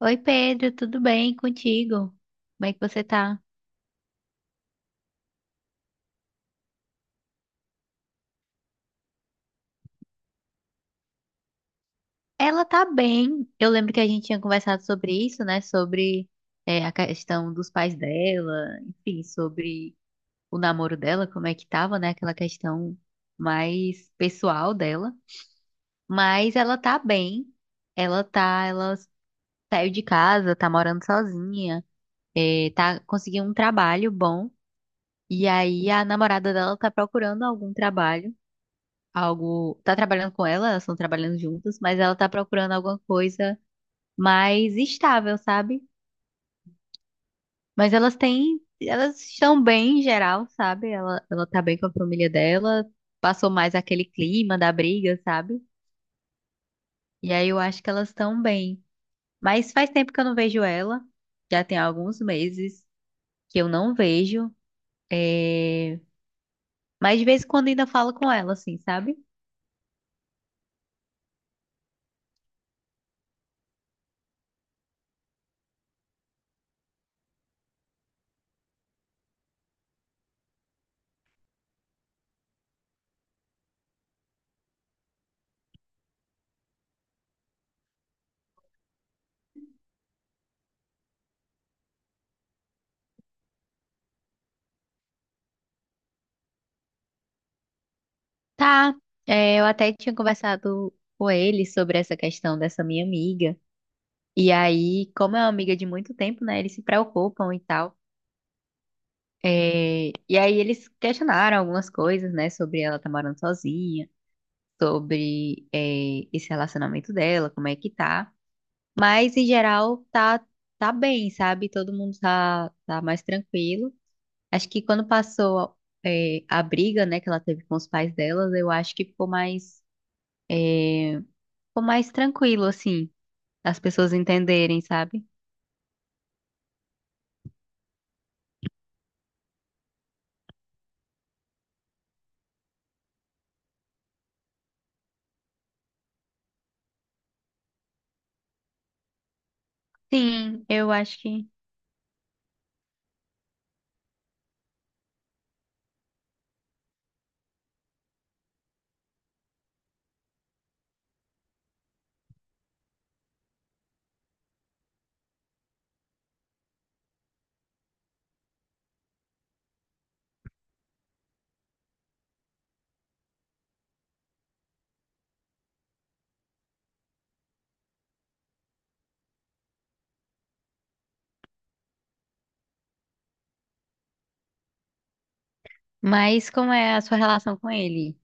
Oi Pedro, tudo bem contigo? Como é que você tá? Ela tá bem. Eu lembro que a gente tinha conversado sobre isso, né? Sobre a questão dos pais dela, enfim, sobre o namoro dela, como é que tava, né? Aquela questão mais pessoal dela. Mas ela tá bem. Ela saiu de casa, tá morando sozinha, tá conseguindo um trabalho bom. E aí a namorada dela tá procurando algum trabalho. Algo. Tá trabalhando com ela, elas estão trabalhando juntas, mas ela tá procurando alguma coisa mais estável, sabe? Mas elas têm. Elas estão bem em geral, sabe? Ela tá bem com a família dela, passou mais aquele clima da briga, sabe? E aí eu acho que elas estão bem. Mas faz tempo que eu não vejo ela, já tem alguns meses que eu não vejo. É... Mas de vez em quando ainda falo com ela, assim, sabe? Tá, eu até tinha conversado com ele sobre essa questão dessa minha amiga. E aí, como é uma amiga de muito tempo, né? Eles se preocupam e tal. É, e aí eles questionaram algumas coisas, né? Sobre ela estar morando sozinha, sobre esse relacionamento dela, como é que tá. Mas em geral tá bem, sabe? Todo mundo tá mais tranquilo. Acho que quando passou a briga, né, que ela teve com os pais delas, eu acho que ficou mais. é, Ficou mais tranquilo, assim, as pessoas entenderem, sabe? Sim, eu acho que. Mas como é a sua relação com ele?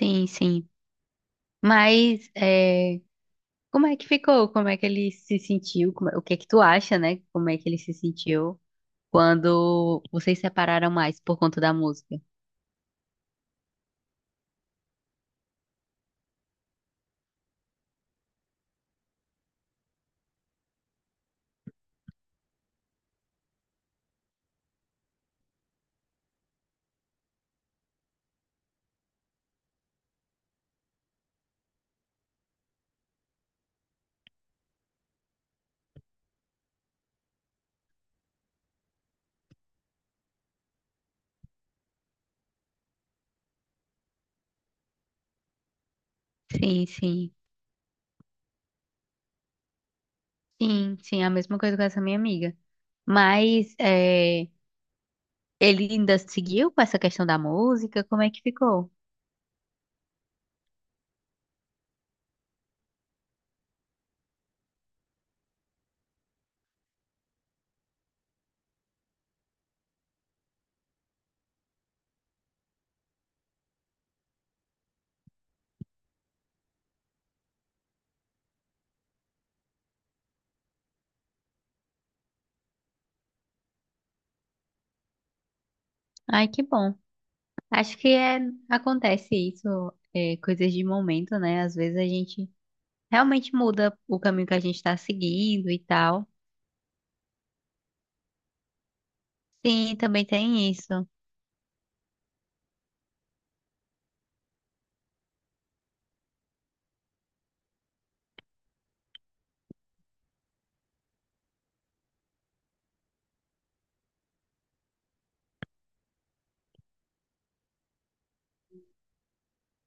Sim, sim. Mas é, como é que ficou? Como é que ele se sentiu? O que é que tu acha, né? Como é que ele se sentiu quando vocês separaram mais por conta da música? Sim, sim. Sim, sim, a mesma coisa com essa minha amiga. Mas é, ele ainda seguiu com essa questão da música? Como é que ficou? Ai, que bom. Acho que é, acontece isso, é, coisas de momento, né? Às vezes a gente realmente muda o caminho que a gente está seguindo e tal. Sim, também tem isso.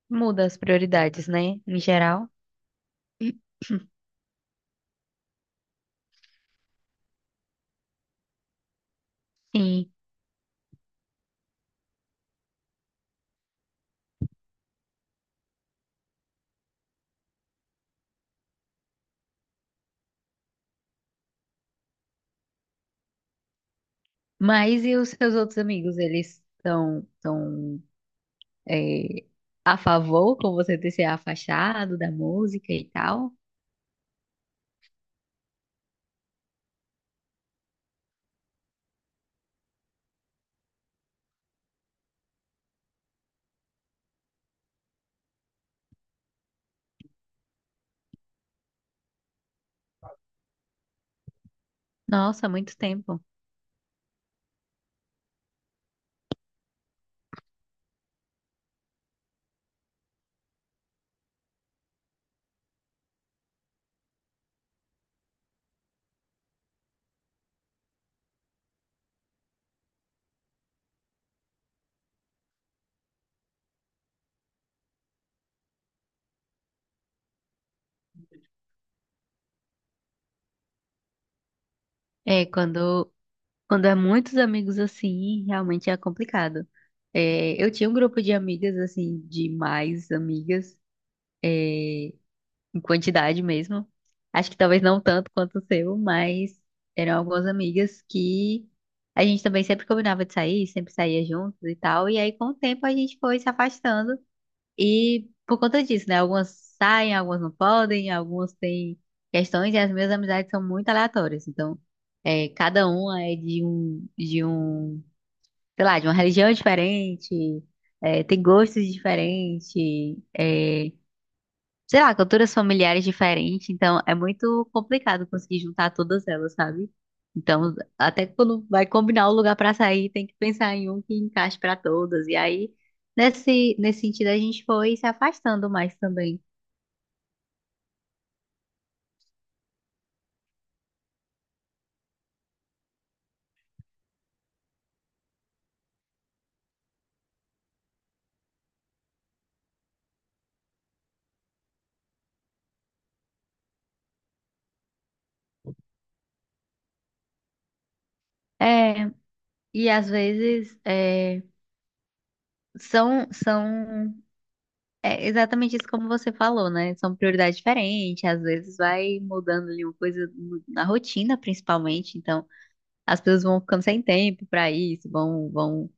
Muda as prioridades, né? Em geral. Sim. Mas e os seus outros amigos? Eles estão tão, é, a favor com você ter se afastado da música e tal? Nossa, muito tempo. É, quando Quando é muitos amigos assim, realmente é complicado. É, eu tinha um grupo de amigas, assim, de mais amigas, em quantidade mesmo. Acho que talvez não tanto quanto o seu, mas eram algumas amigas que a gente também sempre combinava de sair, sempre saía juntos e tal. E aí, com o tempo, a gente foi se afastando. E por conta disso, né? Algumas saem, algumas não podem, algumas têm questões, e as minhas amizades são muito aleatórias. Então, é, cada uma é de um sei lá, de uma religião diferente, é, tem gostos diferentes, é, sei lá, culturas familiares diferentes, então é muito complicado conseguir juntar todas elas, sabe? Então, até quando vai combinar o lugar pra sair, tem que pensar em um que encaixe pra todas. E aí, nesse sentido, a gente foi se afastando mais também. É, e às vezes é, são É exatamente isso como você falou, né? São prioridades diferentes, às vezes vai mudando ali uma coisa na rotina, principalmente, então as pessoas vão ficando sem tempo para isso, vão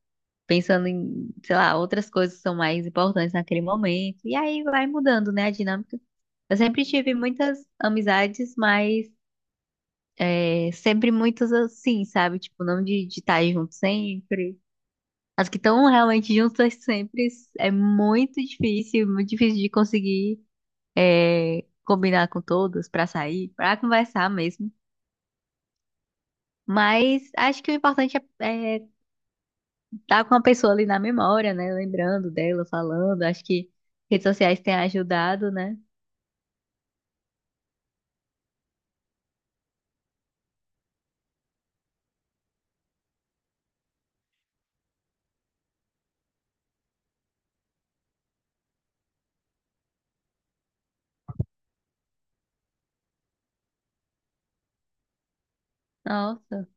pensando em, sei lá, outras coisas que são mais importantes naquele momento, e aí vai mudando, né, a dinâmica. Eu sempre tive muitas amizades, mas é, sempre muitas assim, sabe? Tipo, não de estar junto sempre. As que estão realmente juntas sempre é muito difícil de conseguir é, combinar com todos pra sair, pra conversar mesmo. Mas acho que o importante é estar com a pessoa ali na memória, né? Lembrando dela, falando. Acho que redes sociais têm ajudado, né? Nossa.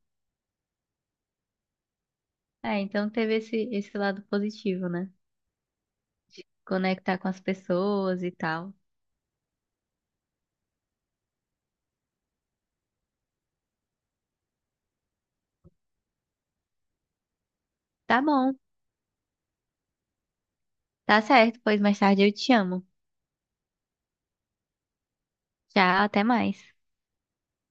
É, então teve esse lado positivo, né? Conectar com as pessoas e tal. Tá bom, tá certo, pois mais tarde eu te amo. Tchau, até mais.